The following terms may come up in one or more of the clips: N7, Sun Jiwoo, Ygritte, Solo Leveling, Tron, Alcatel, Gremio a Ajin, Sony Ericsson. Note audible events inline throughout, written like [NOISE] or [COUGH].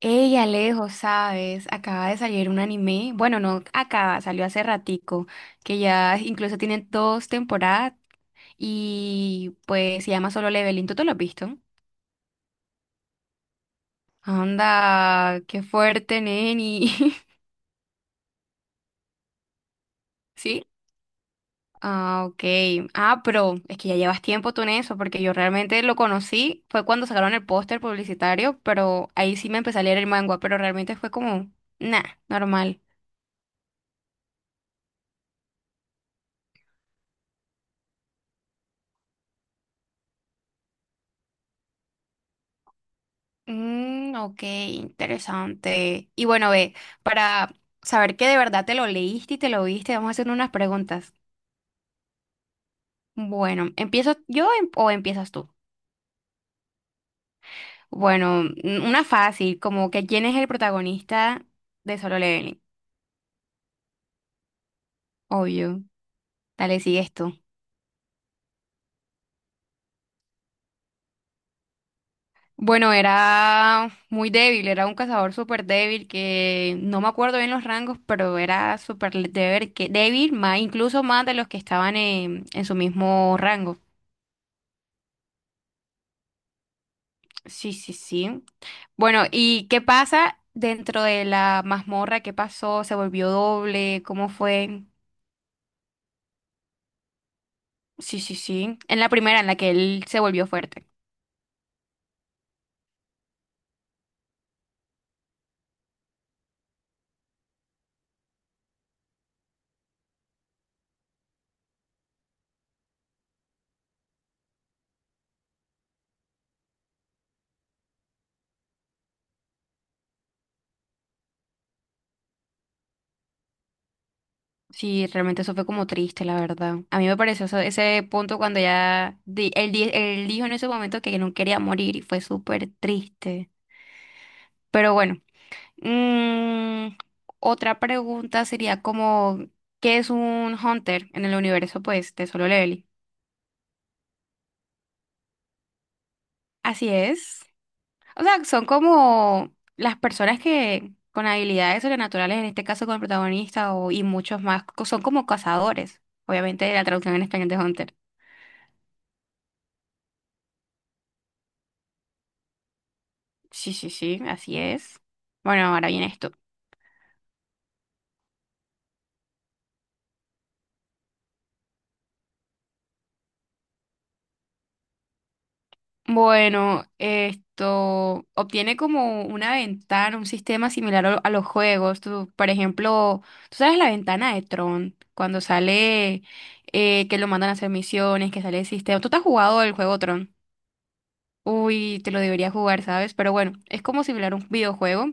Ella lejos, ¿sabes? Acaba de salir un anime. Bueno, no acaba, salió hace ratico, que ya incluso tiene dos temporadas y pues se llama Solo Leveling. ¿Tú te lo has visto? Anda, qué fuerte, neni. [LAUGHS] ¿Sí? Ah, ok. Ah, pero es que ya llevas tiempo tú en eso, porque yo realmente lo conocí, fue cuando sacaron el póster publicitario, pero ahí sí me empecé a leer el manga, pero realmente fue como, nah, normal. Ok, interesante. Y bueno, ve, para saber que de verdad te lo leíste y te lo viste, vamos a hacer unas preguntas. Bueno, ¿empiezo yo o empiezas tú? Bueno, una fácil, como que ¿quién es el protagonista de Solo Leveling? Obvio. Dale, sigue esto. Bueno, era muy débil, era un cazador súper débil que no me acuerdo bien los rangos, pero era súper débil, que, débil, más, incluso más de los que estaban en su mismo rango. Sí, sí, sí. Bueno, ¿y qué pasa dentro de la mazmorra? ¿Qué pasó? ¿Se volvió doble? ¿Cómo fue? Sí, sí, sí. En la primera, en la que él se volvió fuerte. Sí, realmente eso fue como triste, la verdad. A mí me pareció ese punto cuando ya él dijo en ese momento que no quería morir y fue súper triste. Pero bueno, mm, otra pregunta sería como, ¿qué es un hunter en el universo, pues, de Solo Leveling? Así es. O sea, son como las personas que con habilidades sobrenaturales, en este caso con el protagonista o, y muchos más, son como cazadores. Obviamente la traducción en español de Hunter. Sí, sí, sí, así es. Bueno, ahora viene esto. Bueno, esto obtiene como una ventana, un sistema similar a a los juegos. Tú, por ejemplo, tú sabes la ventana de Tron, cuando sale que lo mandan a hacer misiones, que sale el sistema. ¿Tú te has jugado el juego Tron? Uy, te lo debería jugar, ¿sabes? Pero bueno, es como similar a un videojuego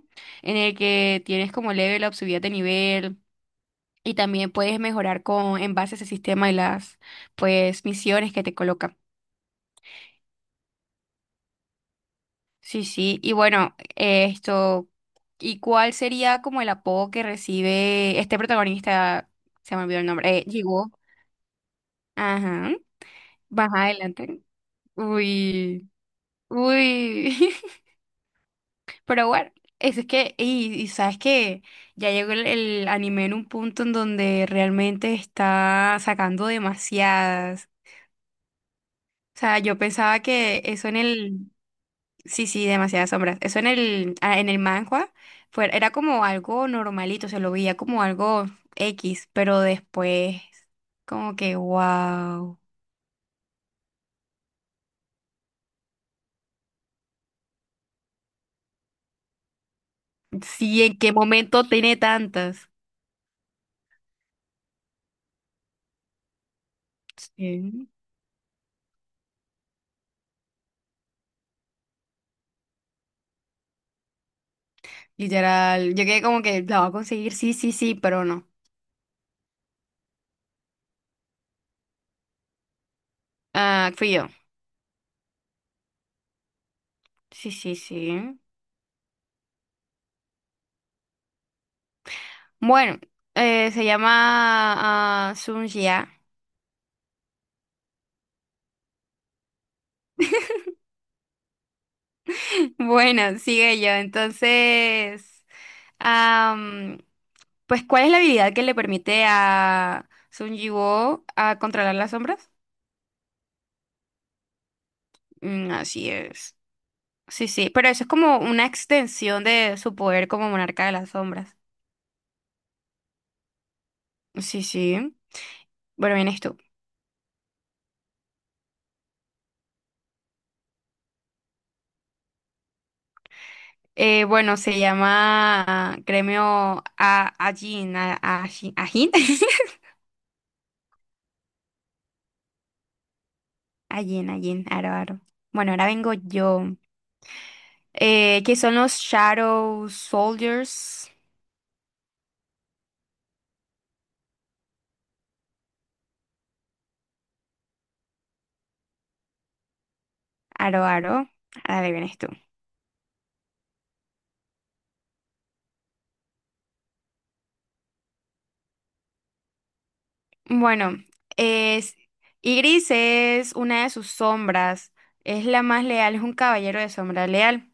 en el que tienes como level up, subida de nivel y también puedes mejorar con en base a ese sistema y las pues misiones que te coloca. Sí, sí. Y bueno, esto, ¿y cuál sería como el apodo que recibe este protagonista? Se me olvidó el nombre. Llegó. Ajá. Baja adelante. Uy. Uy. [LAUGHS] Pero bueno, es que, y sabes que ya llegó el anime en un punto en donde realmente está sacando demasiadas. O sea, yo pensaba que eso en el, sí, sí, demasiadas sombras. Eso en el, ah, en el manhwa fue, era como algo normalito, se lo veía como algo X, pero después, como que, wow. Sí, ¿en qué momento tiene tantas? Sí. Literal, yo quedé como que la va a conseguir, sí, sí, sí, pero no. Ah, fui yo. Sí, sí, sí. Bueno, se llama Sun Ya. [LAUGHS] Bueno, sigue yo. Entonces, am, pues, ¿cuál es la habilidad que le permite a Sun Jiwoo a controlar las sombras? Así es. Sí, sí. Pero eso es como una extensión de su poder como monarca de las sombras. Sí, sí. Bueno, vienes tú. Bueno, se llama Gremio a Ajin. A, Ajin. Ajin. [LAUGHS] Allí, allí, aro, aro. Bueno, ahora vengo yo. ¿Qué son los Shadow Soldiers? Aro, aro. Ahora vienes tú. Bueno, es... Ygritte es una de sus sombras. Es la más leal, es un caballero de sombra leal.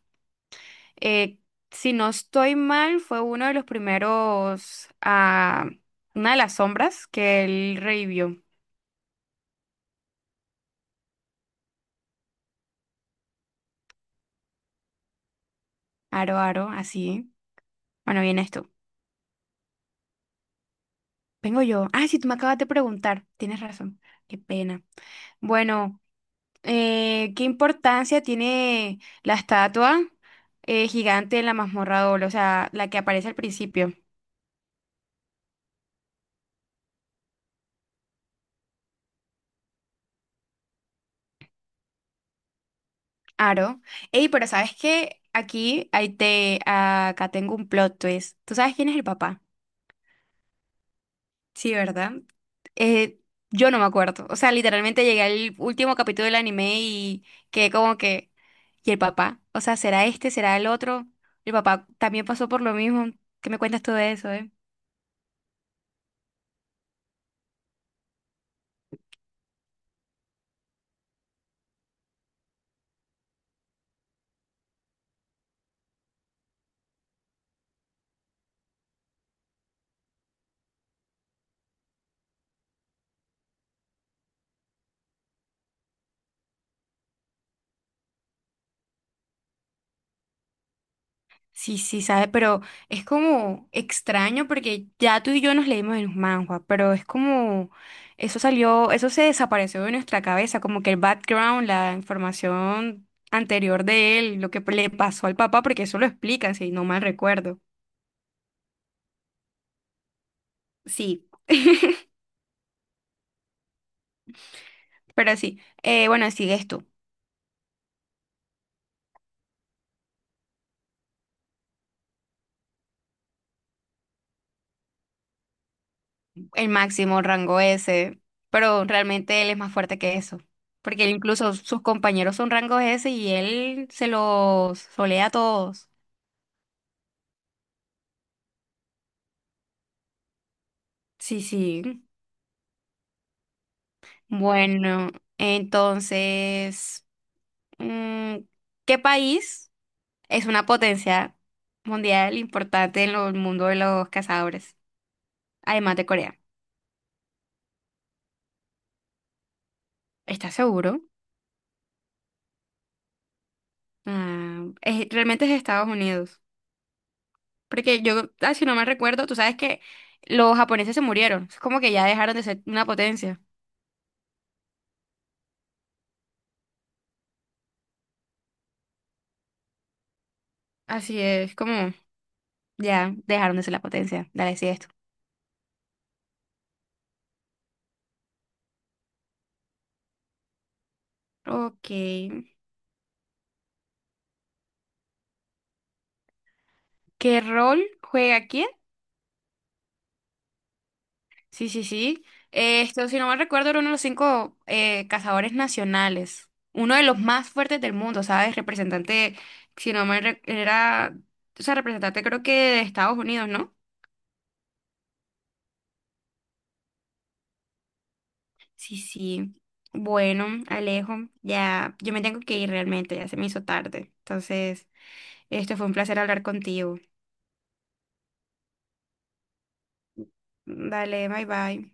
Eh, si no estoy mal, fue uno de los primeros... ah, una de las sombras que él revivió. Aro, aro, así. Bueno, viene esto. Vengo yo. Ah, sí, tú me acabas de preguntar. Tienes razón. Qué pena. Bueno, ¿qué importancia tiene la estatua gigante en la mazmorra doble? O sea, la que aparece al principio. Aro. Ey, pero ¿sabes qué? Aquí, ahí te, acá tengo un plot twist. ¿Tú sabes quién es el papá? Sí, ¿verdad? Eh, yo no me acuerdo. O sea, literalmente llegué al último capítulo del anime y quedé como que... ¿Y el papá? O sea, ¿será este? ¿Será el otro? ¿El papá también pasó por lo mismo? ¿Qué me cuentas tú de eso, eh? Sí, sí, sabe, pero es como extraño porque ya tú y yo nos leímos en los manhwa, pero es como eso salió, eso se desapareció de nuestra cabeza, como que el background, la información anterior de él, lo que le pasó al papá, porque eso lo explican, si no mal recuerdo. Sí, [LAUGHS] pero sí, bueno, sigues tú, el máximo rango S, pero realmente él es más fuerte que eso, porque él incluso sus compañeros son rangos S y él se los solea a todos. Sí, sí. Bueno, entonces, mm, ¿qué país es una potencia mundial importante en el mundo de los cazadores? Además de Corea. ¿Estás seguro? Ah, realmente es Estados Unidos. Porque yo, ah, si no me recuerdo, tú sabes que los japoneses se murieron. Es como que ya dejaron de ser una potencia. Así es, como ya dejaron de ser la potencia. Dale, sí, esto. Ok. ¿Qué rol juega quién? Sí, sí, sí. Esto, si no mal recuerdo, era uno de los 5 cazadores nacionales. Uno de los más fuertes del mundo, ¿sabes? Representante, si no era, o sea, representante creo que de Estados Unidos, ¿no? Sí, sí. Bueno, Alejo, ya, yo me tengo que ir realmente, ya se me hizo tarde. Entonces, esto fue un placer hablar contigo. Dale, bye bye.